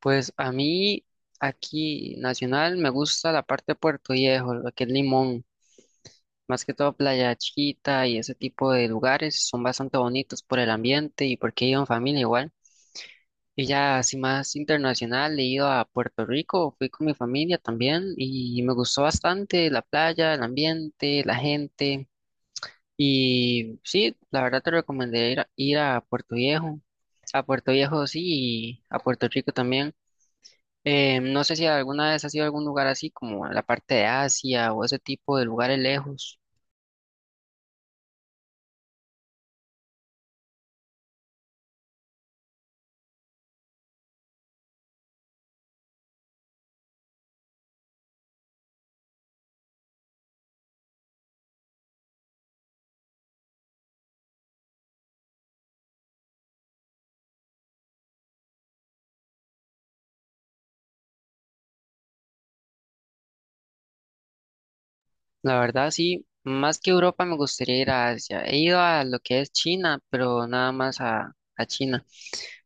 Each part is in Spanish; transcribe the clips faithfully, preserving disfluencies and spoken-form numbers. Pues a mí aquí nacional me gusta la parte de Puerto Viejo, lo que es Limón, más que todo Playa Chiquita y ese tipo de lugares son bastante bonitos por el ambiente y porque he ido en familia igual. Y ya así más internacional he ido a Puerto Rico, fui con mi familia también y me gustó bastante la playa, el ambiente, la gente y sí, la verdad te recomendaría ir a, ir a Puerto Viejo, a Puerto Viejo sí y a Puerto Rico también. Eh, no sé si alguna vez has ido a algún lugar así como a la parte de Asia o ese tipo de lugares lejos. La verdad sí, más que Europa me gustaría ir a Asia. He ido a lo que es China, pero nada más a, a China.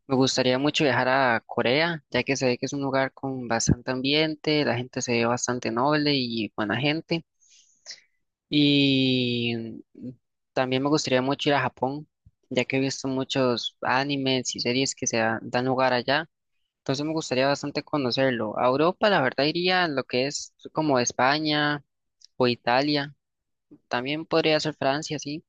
Me gustaría mucho viajar a Corea, ya que se ve que es un lugar con bastante ambiente, la gente se ve bastante noble y buena gente. Y mm, también me gustaría mucho ir a Japón, ya que he visto muchos animes y series que se dan dan lugar allá. Entonces me gustaría bastante conocerlo. A Europa, la verdad, iría lo que es como España o Italia. También podría ser Francia, sí.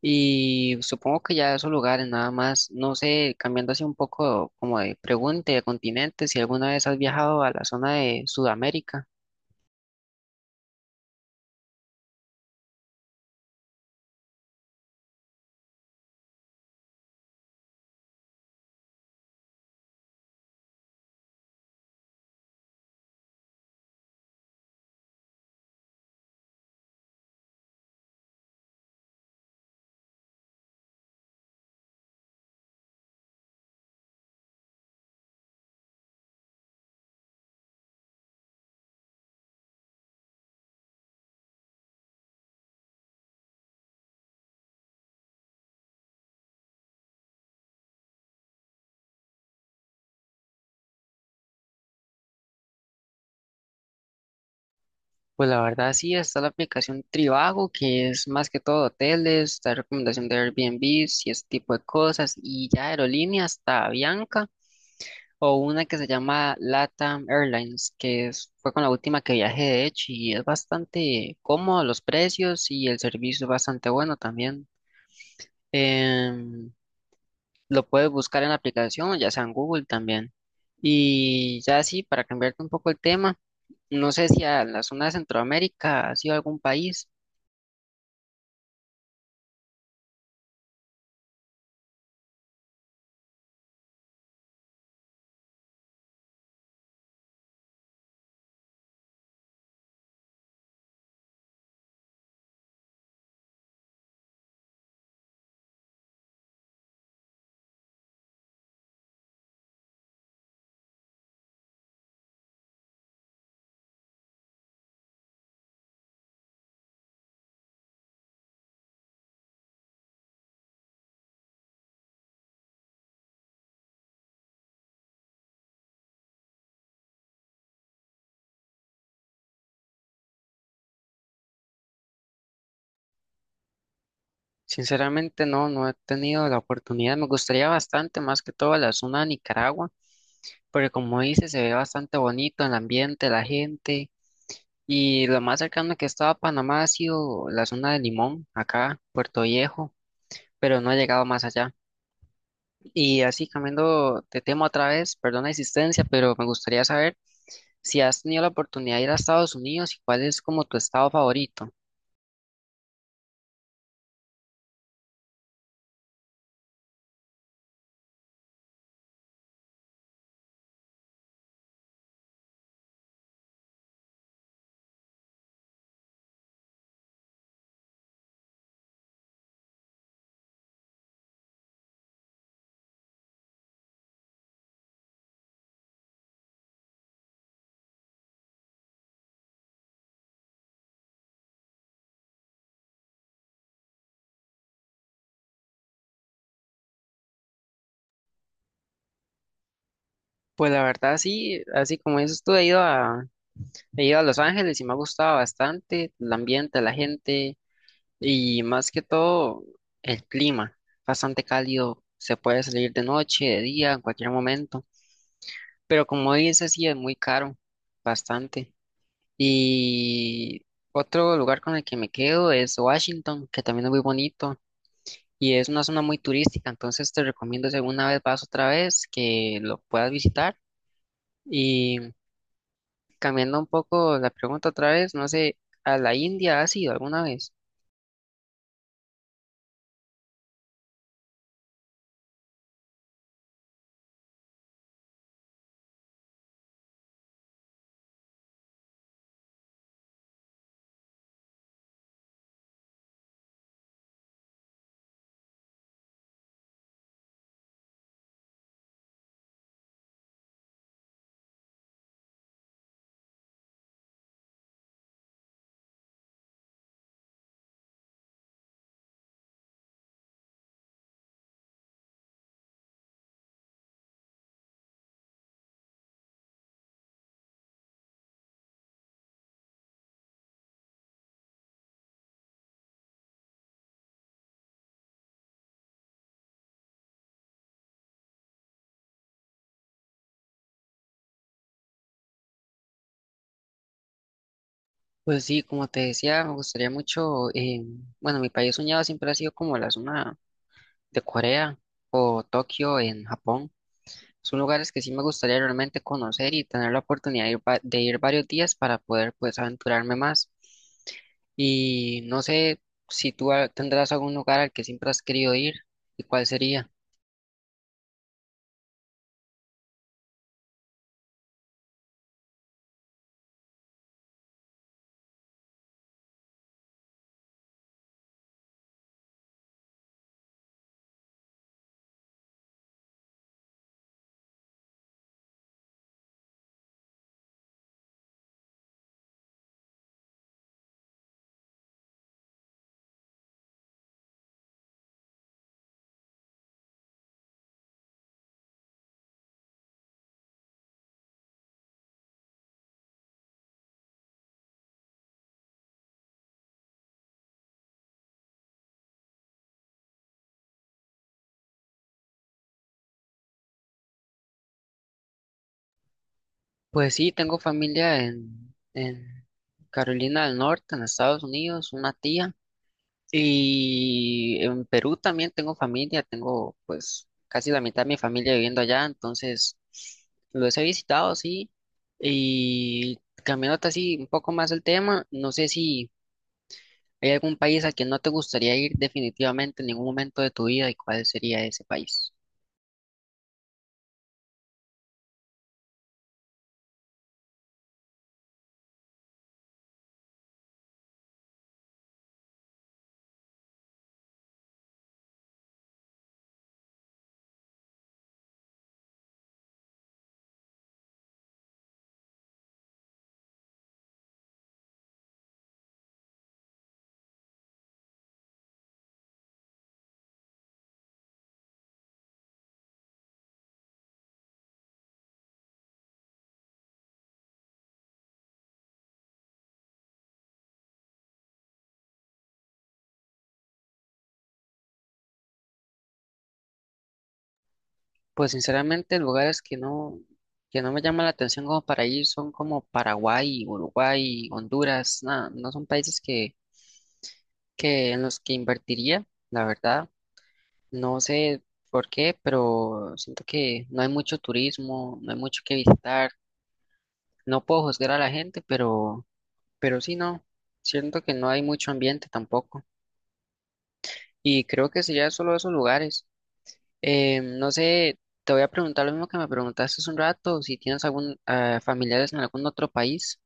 Y supongo que ya esos lugares nada más. No sé, cambiando así un poco como de pregunta y de continente, si alguna vez has viajado a la zona de Sudamérica. Pues la verdad sí, está la aplicación Trivago, que es más que todo hoteles, la recomendación de Airbnb y ese tipo de cosas, y ya aerolíneas, está Avianca. O una que se llama LATAM Airlines, que es, fue con la última que viajé de hecho y es bastante cómodo los precios y el servicio es bastante bueno también. Em, lo puedes buscar en la aplicación, ya sea en Google también. Y ya sí, para cambiarte un poco el tema, no sé si a la zona de Centroamérica ha sido algún país. Sinceramente no, no he tenido la oportunidad. Me gustaría bastante, más que todo, la zona de Nicaragua, porque como dice, se ve bastante bonito el ambiente, la gente. Y lo más cercano que estaba a Panamá ha sido la zona de Limón, acá, Puerto Viejo, pero no he llegado más allá. Y así cambiando de tema otra vez, perdón la insistencia, pero me gustaría saber si has tenido la oportunidad de ir a Estados Unidos y cuál es como tu estado favorito. Pues la verdad sí, así como dices tú, he ido a, he ido a Los Ángeles y me ha gustado bastante el ambiente, la gente y más que todo el clima, bastante cálido, se puede salir de noche, de día, en cualquier momento. Pero como dices, sí es muy caro, bastante. Y otro lugar con el que me quedo es Washington, que también es muy bonito y es una zona muy turística, entonces te recomiendo si alguna vez vas otra vez que lo puedas visitar. Y cambiando un poco la pregunta otra vez, no sé, ¿a la India has ido alguna vez? Pues sí, como te decía, me gustaría mucho, eh, bueno, mi país soñado siempre ha sido como la zona de Corea o Tokio en Japón. Son lugares que sí me gustaría realmente conocer y tener la oportunidad de ir, va- de ir varios días para poder pues aventurarme más. Y no sé si tú ah, tendrás algún lugar al que siempre has querido ir y cuál sería. Pues sí, tengo familia en, en Carolina del Norte, en Estados Unidos, una tía. Y en Perú también tengo familia, tengo pues casi la mitad de mi familia viviendo allá, entonces los he visitado, sí. Y cambiándote así un poco más el tema, no sé si hay algún país al que no te gustaría ir definitivamente en ningún momento de tu vida y cuál sería ese país. Pues sinceramente lugares que no, que no me llaman la atención como para ir son como Paraguay, Uruguay, Honduras, nada, no son países que, que en los que invertiría, la verdad. No sé por qué, pero siento que no hay mucho turismo, no hay mucho que visitar. No puedo juzgar a la gente, pero, pero sí, no. Siento que no hay mucho ambiente tampoco. Y creo que sería solo esos lugares. Eh, no sé, te voy a preguntar lo mismo que me preguntaste hace un rato, si tienes algún eh, familiares en algún otro país.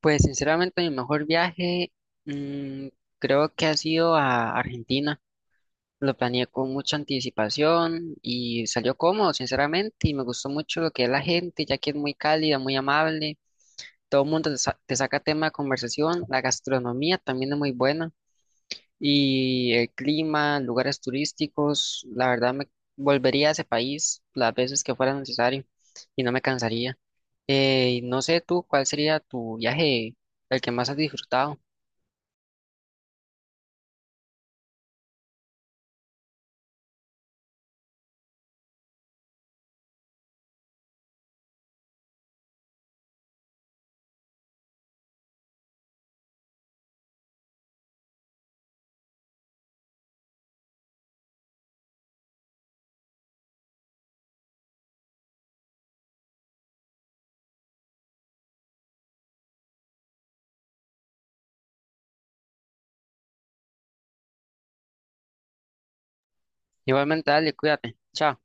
Pues sinceramente mi mejor viaje mm, creo que ha sido a Argentina. Lo planeé con mucha anticipación y salió cómodo, sinceramente, y me gustó mucho lo que es la gente, ya que es muy cálida, muy amable, todo el mundo te, sa- te saca tema de conversación, la gastronomía también es muy buena, y el clima, lugares turísticos, la verdad me volvería a ese país las veces que fuera necesario y no me cansaría. Eh, y no sé tú, ¿cuál sería tu viaje, el que más has disfrutado? Igualmente, dale, cuídate. Chao.